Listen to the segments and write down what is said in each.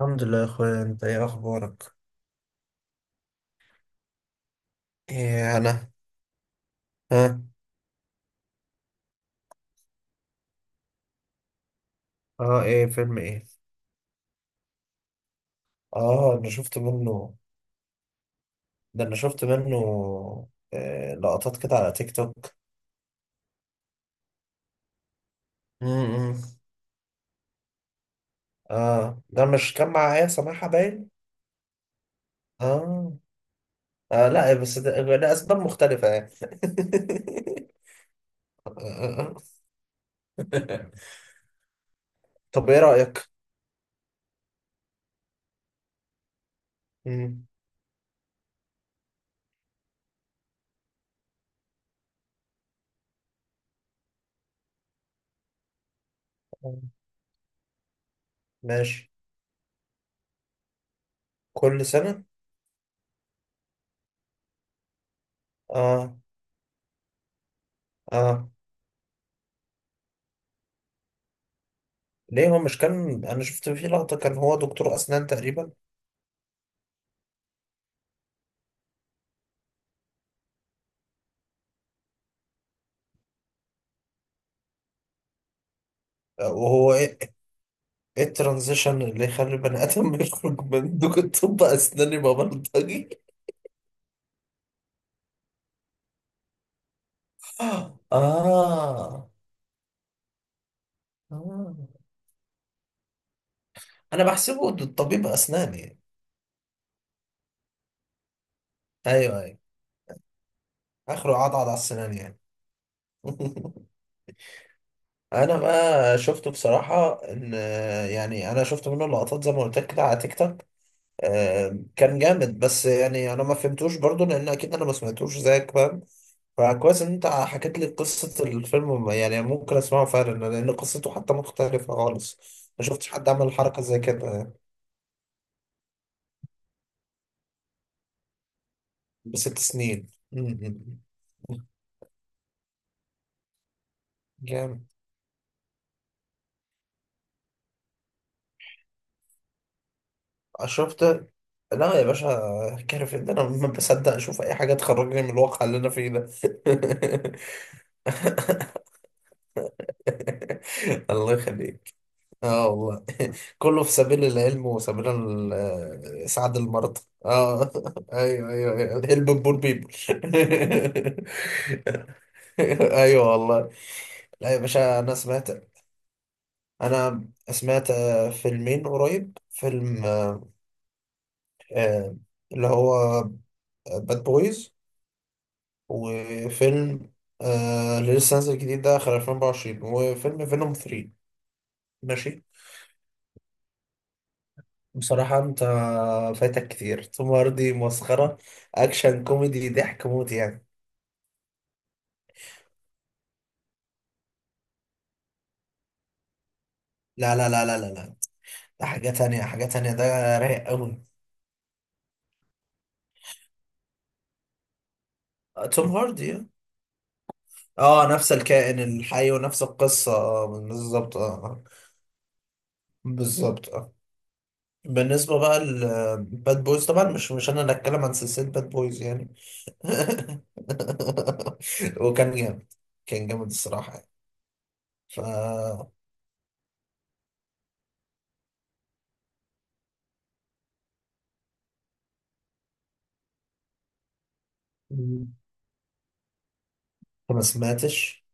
الحمد لله يا اخويا، انت ايه اخبارك؟ ايه انا؟ ها. اه، ايه فيلم ايه؟ اه، انا شفت منه. ده انا شفت منه. لقطات كده على تيك توك. امم اه، ده مش كان مع ايه سماحة باين؟ اه. اه، لا بس ده اسباب مختلفة يعني. طب ايه رأيك؟ مم. ماشي، كل سنة. اه. اه، ليه، هو مش كان، انا شفت فيه لقطة، كان هو دكتور اسنان تقريبا. وهو ايه؟ إيه الترانزيشن اللي يخلي بني ادم يخرج من دوك الطب اسناني ببلطجي؟ اه. اه، انا بحسبه ده الطبيب اسناني. ايوه ايوه، اخره عضعض على السنان يعني. انا بقى شفته بصراحه، ان، يعني انا شفت منه لقطات زي ما قلت لك كده على تيك توك. كان جامد، بس يعني انا ما فهمتوش برضو لان اكيد انا ما سمعتوش زيك، فاهم؟ فكويس ان انت حكيت لي قصة الفيلم، يعني ممكن اسمعه فعلا لان قصته حتى مختلفة خالص. ما شفتش حد عمل حركة زي كده. بست سنين م- جامد. شفت. لا يا باشا، كارف ان انا ما بصدق اشوف اي حاجة تخرجني من الواقع اللي انا فيه ده. الله يخليك. اه والله. كله في سبيل العلم وسبيل اسعاد المرض. اه. ايوه ايوه ايوه، هيلب بور بيبل. ايوه والله. لا يا باشا، انا سمعت، فيلمين قريب، فيلم آه، اللي هو باد بويز، وفيلم اللي لسه نازل جديد ده آخر 2024، وفيلم فينوم 3. ماشي. بصراحة أنت فايتك كتير، توم هاردي مسخرة، أكشن كوميدي، ضحك موت يعني. لا لا لا لا لا لا، ده حاجة تانية، حاجة تانية ده، رايق أوي. توم هاردي. اه، نفس الكائن الحي ونفس القصة، بالظبط، اه آه. بالظبط، اه. بالنسبة بقى لباد بويز، طبعا مش أنا اللي أتكلم عن سلسلة باد بويز يعني. وكان جامد، كان جامد الصراحة يعني. ف، أنت ما سمعتش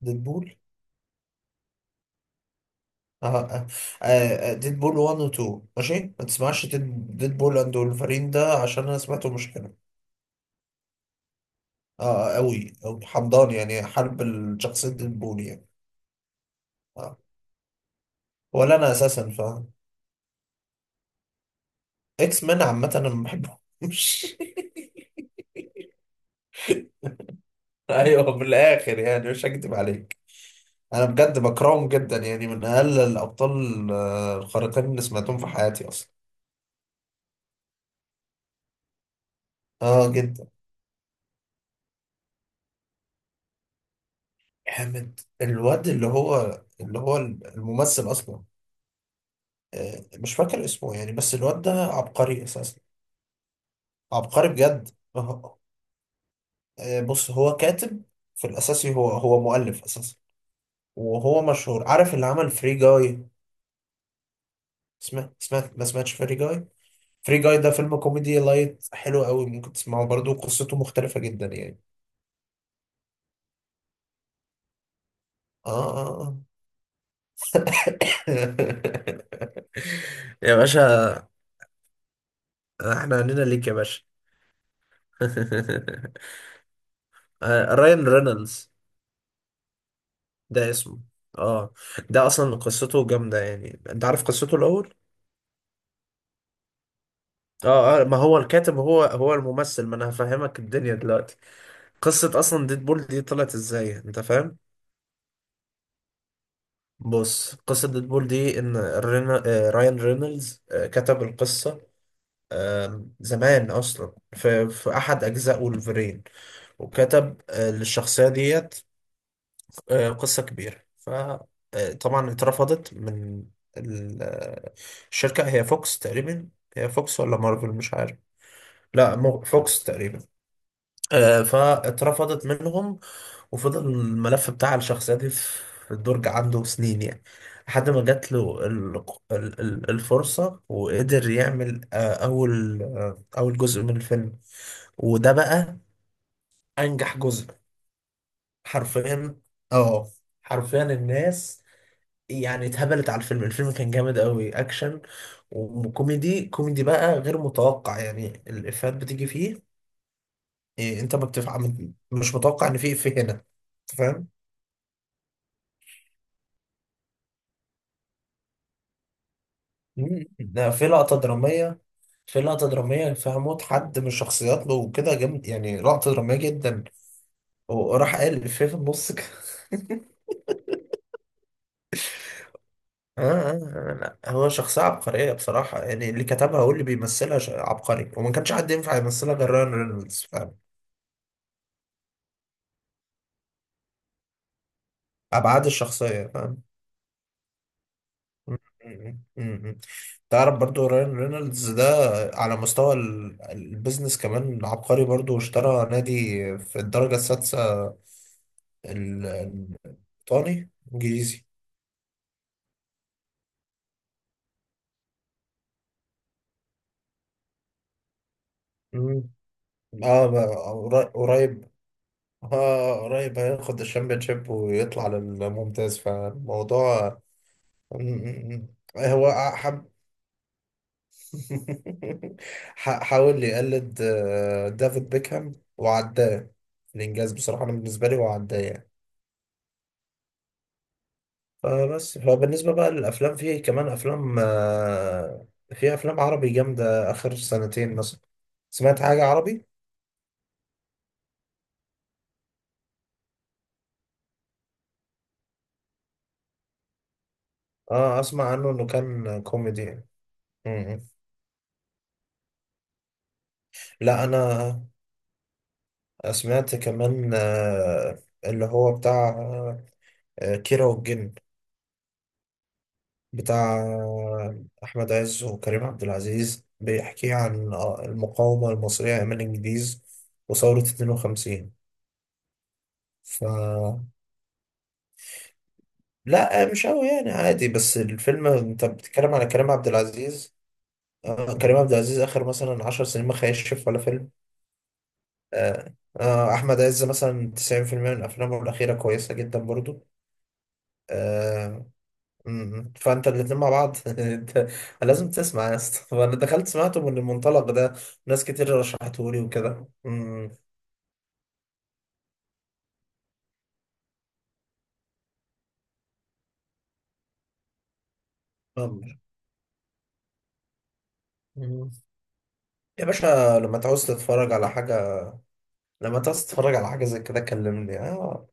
ديدبول؟ اه. اه، ديد بول 1 و 2 ماشي. ما تسمعش ديد بول اند ولفرين ده، عشان انا سمعته مش حلو. اه، قوي قوي حمضان يعني، حرب الشخصية ديد بول يعني. اه. ولا انا اساسا فاهم اكس مان عامة، انا ما بحبهمش. ايوه، من الاخر يعني مش هكدب عليك، انا بجد بكرههم جدا يعني، من اقل الابطال الخارقين اللي سمعتهم في حياتي اصلا. اه جدا. حامد، الواد اللي هو الممثل اصلا، مش فاكر اسمه يعني، بس الواد ده عبقري اساسا. عبقري بجد. آه، بص، هو كاتب في الاساسي، هو هو مؤلف اساسا. وهو مشهور، عارف اللي عمل فري جاي؟ سمعت، ما سمعتش فري جاي. فري جاي ده فيلم كوميدي لايت حلو قوي، ممكن تسمعه برضه، قصته مختلفة جدا يعني. اه، اه آه. يا باشا، احنا عنينا ليك يا باشا. رايان رينولدز ده اسمه. اه. ده اصلا قصته جامده يعني، انت عارف قصته الاول؟ اه، اه، ما هو الكاتب، هو هو الممثل، ما انا هفهمك الدنيا دلوقتي. قصه اصلا ديدبول دي طلعت ازاي، انت فاهم؟ بص، قصه ديدبول دي ان رينا... آه، رايان رينولدز كتب القصه زمان اصلا، في احد اجزاء ولفرين، وكتب للشخصيه ديت قصة كبيرة. فطبعا اترفضت من ال- آه، الشركة، هي فوكس تقريبا. هي فوكس ولا مارفل، مش عارف. لا فوكس تقريبا. فاترفضت منهم، وفضل الملف بتاع الشخصية دي في الدرج عنده سنين يعني، لحد ما جات له الفرصة، وقدر يعمل أول جزء من الفيلم. وده بقى أنجح جزء حرفيا. اه، حرفيا الناس يعني اتهبلت على الفيلم، الفيلم كان جامد قوي، اكشن وكوميدي. كوميدي بقى غير متوقع يعني، الافيهات بتيجي فيه، إيه انت ما بتفع...، مش متوقع ان في افيه هنا، أنت فاهم؟ مم. ده في لقطة درامية، في لقطة درامية فيها موت حد من الشخصيات له وكده، جامد يعني، لقطة درامية جدا، وراح قال الافيه في النص كده. آه, آه, آه، لا هو شخصية عبقرية بصراحة يعني، اللي كتبها واللي بيمثلها عبقري، وما كانش حد ينفع يمثلها غير راyan رينولدز، فاهم أبعاد الشخصية؟ فاهم. مم، مم، مم. تعرف برضو راين رينولدز ده، على مستوى البيزنس كمان عبقري برضو، اشترى نادي في الدرجة السادسة، ال- البريطاني الإنجليزي. مم. اه، قريب. اه، قريب هياخد الشامبيونشيب ويطلع للممتاز، فالموضوع. مم. هو حب. حاول يقلد دافيد بيكهام وعداه. الإنجاز بصراحة أنا بالنسبة لي هو عداه يعني. فبس، فبالنسبة بقى للأفلام، في كمان أفلام في أفلام عربي جامدة آخر سنتين مثلا. سمعت حاجة عربي؟ اه، أسمع عنه إنه كان كوميدي. م-. م. لا أنا سمعت كمان اللي هو بتاع كيرة والجن، بتاع أحمد عز وكريم عبد العزيز، بيحكي عن المقاومة المصرية أيام الإنجليز وثورة 52. ف، لا مش قوي يعني، عادي، بس الفيلم، انت بتتكلم على كريم عبد العزيز، آه، كريم عبد العزيز اخر مثلا 10 سنين ما خيشش ولا فيلم. آه، آه، احمد عز مثلا 90% من افلامه الاخيره كويسه جدا برضو. آه. فانت الاتنين مع بعض انت لازم تسمع يا اسطى. فانا دخلت سمعته من المنطلق ده، ناس كتير رشحتهولي وكده. م- م. يا باشا، لما تعوز تتفرج على حاجه لما تعوز تتفرج على حاجه زي كده كلمني. اه.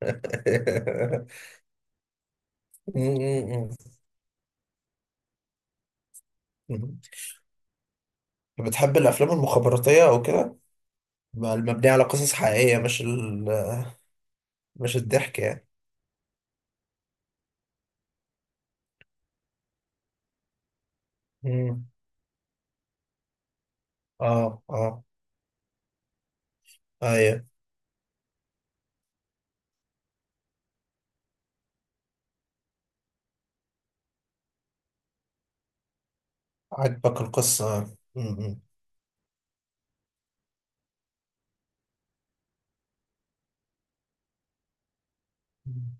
م- م- م. بتحب الافلام المخابراتيه او كده، المبنيه على قصص حقيقيه، مش ال...، مش الضحك يعني؟ م. اه اه ايوه، عجبك القصه. م.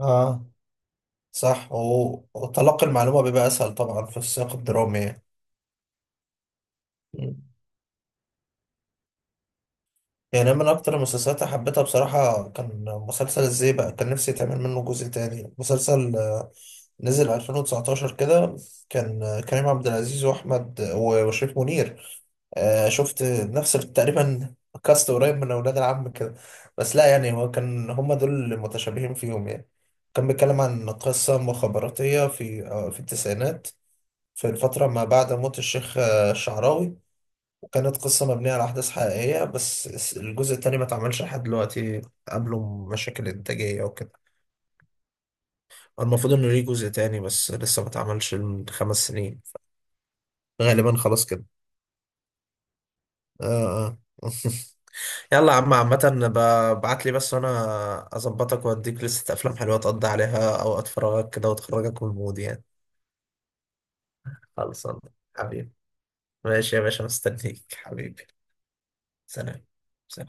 اه، صح، وتلقي المعلومه بيبقى اسهل طبعا في السياق الدرامي. يعني، يعني أنا من أكتر المسلسلات اللي حبيتها بصراحة كان مسلسل إزاي، بقى كان نفسي يتعمل منه جزء تاني، مسلسل نزل 2019 كده، كان كريم عبد العزيز وأحمد وشريف منير، شفت نفس تقريبا كاست قريب من أولاد العم كده. بس لا يعني، هو كان هما دول اللي متشابهين فيهم يعني، كان بيتكلم عن قصة مخابراتية في في التسعينات، في الفترة ما بعد موت الشيخ الشعراوي. كانت قصة مبنية على أحداث حقيقية، بس الجزء التاني ما اتعملش لحد دلوقتي، قبله مشاكل إنتاجية وكده. المفروض إنه ليه جزء تاني، بس لسه ما اتعملش من 5 سنين، غالبا خلاص كده. آه، آه. يلا يا عم عامة، ابعت لي بس وأنا أظبطك وأديك لستة أفلام حلوة تقضي عليها أوقات فراغك كده وتخرجك من المود يعني. خلصان حبيبي. ماشي يا باشا، مستنيك حبيبي. سلام. سلام.